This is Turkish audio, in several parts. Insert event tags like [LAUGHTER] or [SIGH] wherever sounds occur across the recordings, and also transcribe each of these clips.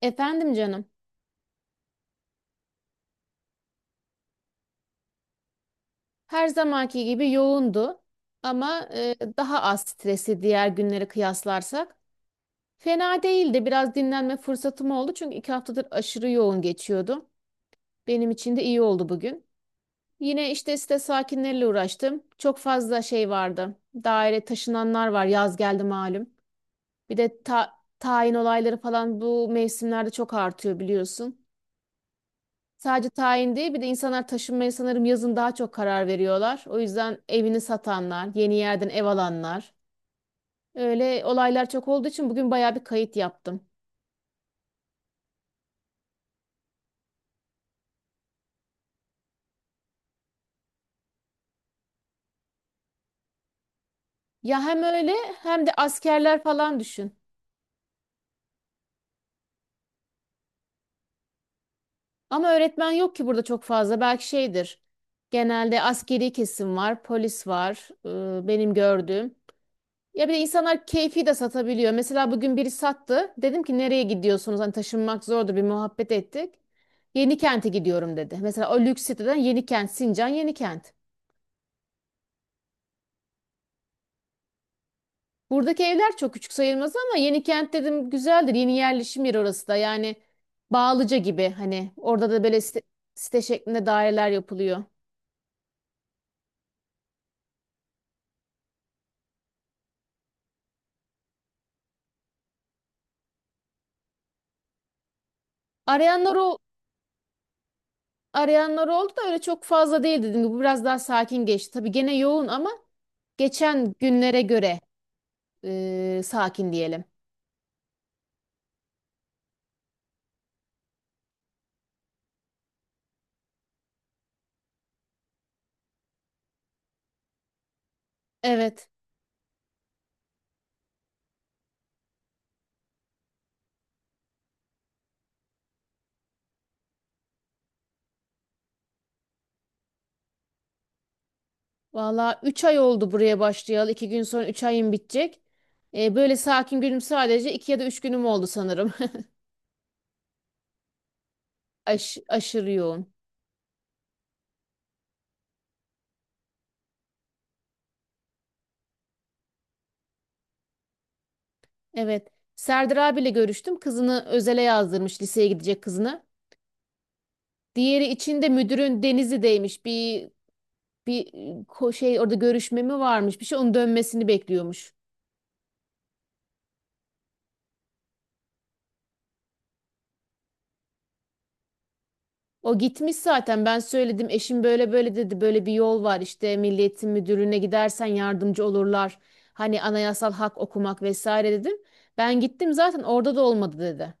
Efendim canım. Her zamanki gibi yoğundu ama daha az stresi diğer günlere kıyaslarsak. Fena değildi. Biraz dinlenme fırsatım oldu çünkü iki haftadır aşırı yoğun geçiyordum. Benim için de iyi oldu bugün. Yine işte site sakinleriyle uğraştım. Çok fazla şey vardı. Daire taşınanlar var. Yaz geldi malum. Bir de tayin olayları falan bu mevsimlerde çok artıyor biliyorsun. Sadece tayin değil, bir de insanlar taşınmaya sanırım yazın daha çok karar veriyorlar. O yüzden evini satanlar, yeni yerden ev alanlar. Öyle olaylar çok olduğu için bugün bayağı bir kayıt yaptım. Ya hem öyle hem de askerler falan düşün. Ama öğretmen yok ki burada çok fazla. Belki şeydir. Genelde askeri kesim var, polis var, benim gördüğüm. Ya bir de insanlar keyfi de satabiliyor. Mesela bugün biri sattı. Dedim ki nereye gidiyorsunuz? Hani taşınmak zordu, bir muhabbet ettik. Yenikent'e gidiyorum dedi. Mesela o lüks siteden Yenikent, Sincan Yenikent. Buradaki evler çok küçük sayılmaz ama Yenikent dedim güzeldir. Yeni yerleşim yeri orası da. Yani Bağlıca gibi, hani orada da böyle site, site şeklinde daireler yapılıyor. Arayanlar o arayanlar oldu da öyle çok fazla değil dedim. Bu biraz daha sakin geçti. Tabii gene yoğun ama geçen günlere göre sakin diyelim. Evet. Valla 3 ay oldu buraya başlayalı. 2 gün sonra 3 ayım bitecek. Böyle sakin günüm sadece 2 ya da 3 günüm oldu sanırım. [LAUGHS] Aşırı yoğun. Evet. Serdar abiyle görüştüm. Kızını özele yazdırmış. Liseye gidecek kızını. Diğeri için de müdürün Denizli'deymiş. Bir şey, orada görüşme mi varmış bir şey, onun dönmesini bekliyormuş. O gitmiş zaten, ben söyledim eşim böyle böyle dedi, böyle bir yol var işte, Milli Eğitim Müdürlüğü'ne gidersen yardımcı olurlar. Hani anayasal hak okumak vesaire dedim. Ben gittim zaten, orada da olmadı dedi.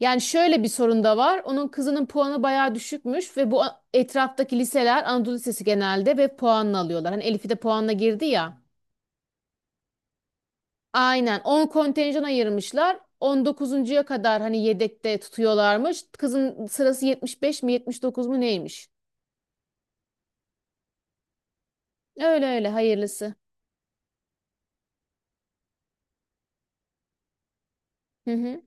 Yani şöyle bir sorun da var. Onun kızının puanı bayağı düşükmüş ve bu etraftaki liseler Anadolu Lisesi genelde ve puanla alıyorlar. Hani Elif'i de puanla girdi ya. Aynen. 10 kontenjan ayırmışlar. 19'uncuya kadar hani yedekte tutuyorlarmış. Kızın sırası 75 mi 79 mu neymiş? Öyle öyle, hayırlısı. Hı hı.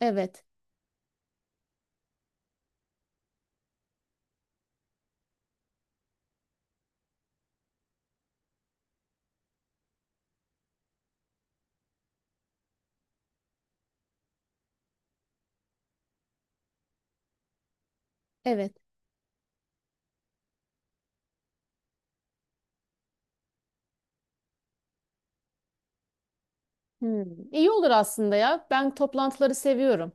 Evet. Evet. Hmm. İyi olur aslında ya. Ben toplantıları seviyorum.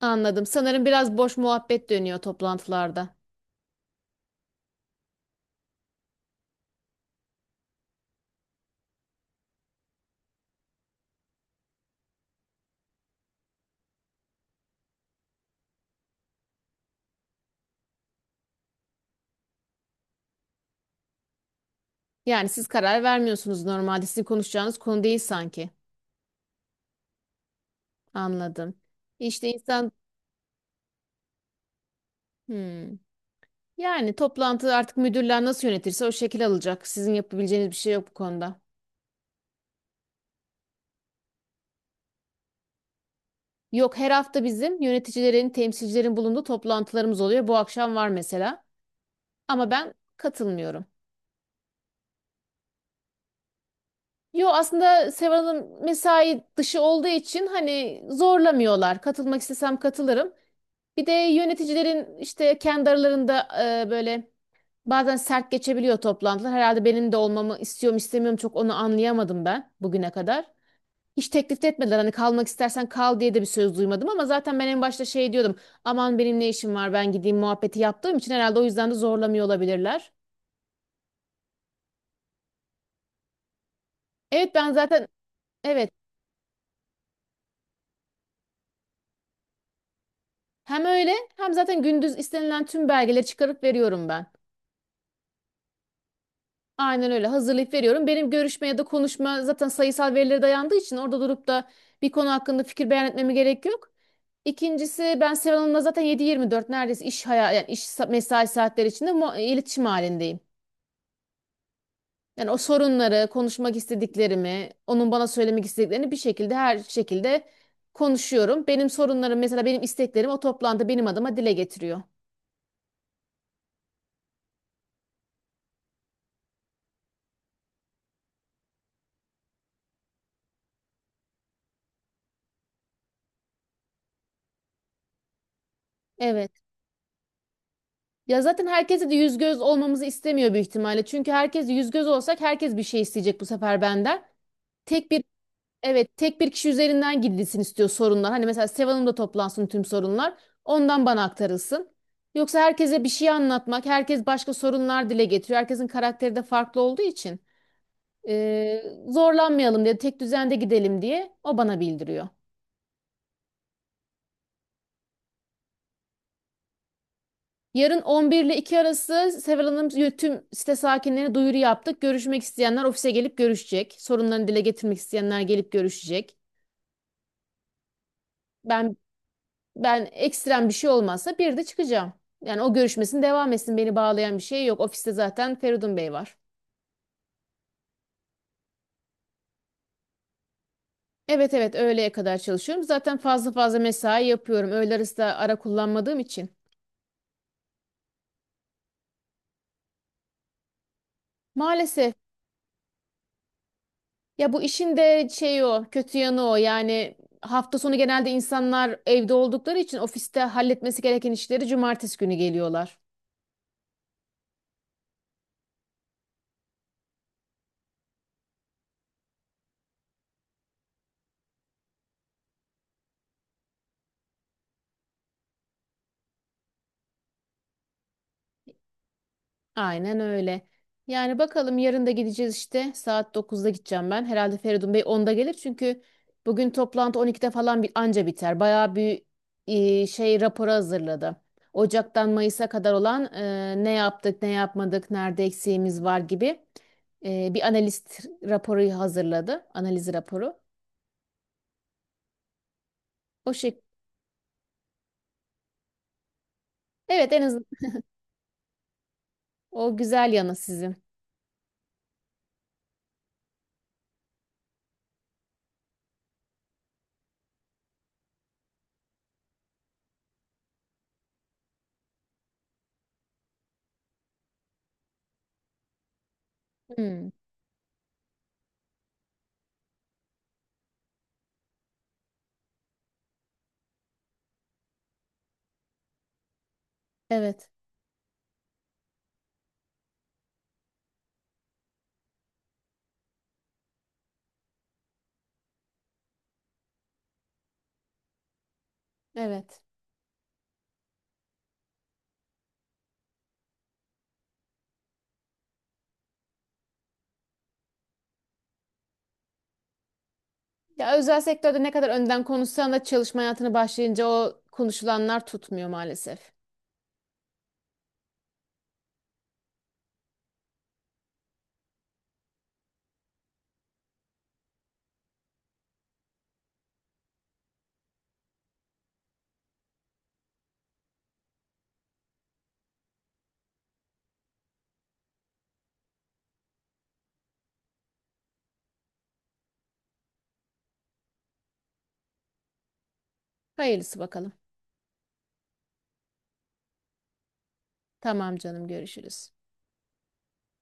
Anladım. Sanırım biraz boş muhabbet dönüyor toplantılarda. Yani siz karar vermiyorsunuz normalde. Sizin konuşacağınız konu değil sanki. Anladım. İşte insan. Hmm. Yani toplantı artık müdürler nasıl yönetirse o şekil alacak. Sizin yapabileceğiniz bir şey yok bu konuda. Yok, her hafta bizim yöneticilerin, temsilcilerin bulunduğu toplantılarımız oluyor. Bu akşam var mesela. Ama ben katılmıyorum. Yo, aslında Seval Hanım mesai dışı olduğu için hani zorlamıyorlar. Katılmak istesem katılırım. Bir de yöneticilerin işte kendi aralarında böyle bazen sert geçebiliyor toplantılar. Herhalde benim de olmamı istiyorum istemiyorum, çok onu anlayamadım ben bugüne kadar. Hiç teklif de etmediler, hani kalmak istersen kal diye de bir söz duymadım, ama zaten ben en başta şey diyordum, aman benim ne işim var ben gideyim muhabbeti yaptığım için herhalde o yüzden de zorlamıyor olabilirler. Evet, ben zaten evet hem öyle hem zaten gündüz istenilen tüm belgeleri çıkarıp veriyorum ben. Aynen öyle, hazırlayıp veriyorum. Benim görüşme ya da konuşma zaten sayısal verilere dayandığı için orada durup da bir konu hakkında fikir beyan etmeme gerek yok. İkincisi, ben Seval Hanım'la zaten 7-24 neredeyse iş hayal, yani mesai saatleri içinde iletişim halindeyim. Yani o sorunları, konuşmak istediklerimi, onun bana söylemek istediklerini bir şekilde, her şekilde konuşuyorum. Benim sorunlarım mesela, benim isteklerim o toplantıda benim adıma dile getiriyor. Evet. Ya zaten herkese de yüz göz olmamızı istemiyor büyük ihtimalle. Çünkü herkes yüz göz olsak, herkes bir şey isteyecek bu sefer benden. Tek bir Evet, tek bir kişi üzerinden gidilsin istiyor sorunlar. Hani mesela Seval Hanım'da toplansın tüm sorunlar. Ondan bana aktarılsın. Yoksa herkese bir şey anlatmak, herkes başka sorunlar dile getiriyor. Herkesin karakteri de farklı olduğu için zorlanmayalım diye, tek düzende gidelim diye o bana bildiriyor. Yarın 11 ile 2 arası Seval Hanım tüm site sakinlerine duyuru yaptık. Görüşmek isteyenler ofise gelip görüşecek. Sorunlarını dile getirmek isteyenler gelip görüşecek. Ben ben ekstrem bir şey olmazsa bir de çıkacağım. Yani o görüşmesin, devam etsin, beni bağlayan bir şey yok. Ofiste zaten Feridun Bey var. Evet, evet öğleye kadar çalışıyorum. Zaten fazla fazla mesai yapıyorum. Öğle arası da ara kullanmadığım için. Maalesef. Ya bu işin de şey, o kötü yanı o. Yani hafta sonu genelde insanlar evde oldukları için ofiste halletmesi gereken işleri cumartesi günü geliyorlar. Aynen öyle. Yani bakalım yarın da gideceğiz işte. Saat 9'da gideceğim ben. Herhalde Feridun Bey 10'da gelir çünkü bugün toplantı 12'de falan bir anca biter. Bayağı bir şey raporu hazırladı. Ocak'tan Mayıs'a kadar olan ne yaptık, ne yapmadık, nerede eksiğimiz var gibi bir analist raporu hazırladı. Analiz raporu. O şey. Evet, en azından o güzel yanı sizin. Hmm. Evet. Evet. Ya özel sektörde ne kadar önden konuşsan da çalışma hayatına başlayınca o konuşulanlar tutmuyor maalesef. Hayırlısı bakalım. Tamam canım, görüşürüz.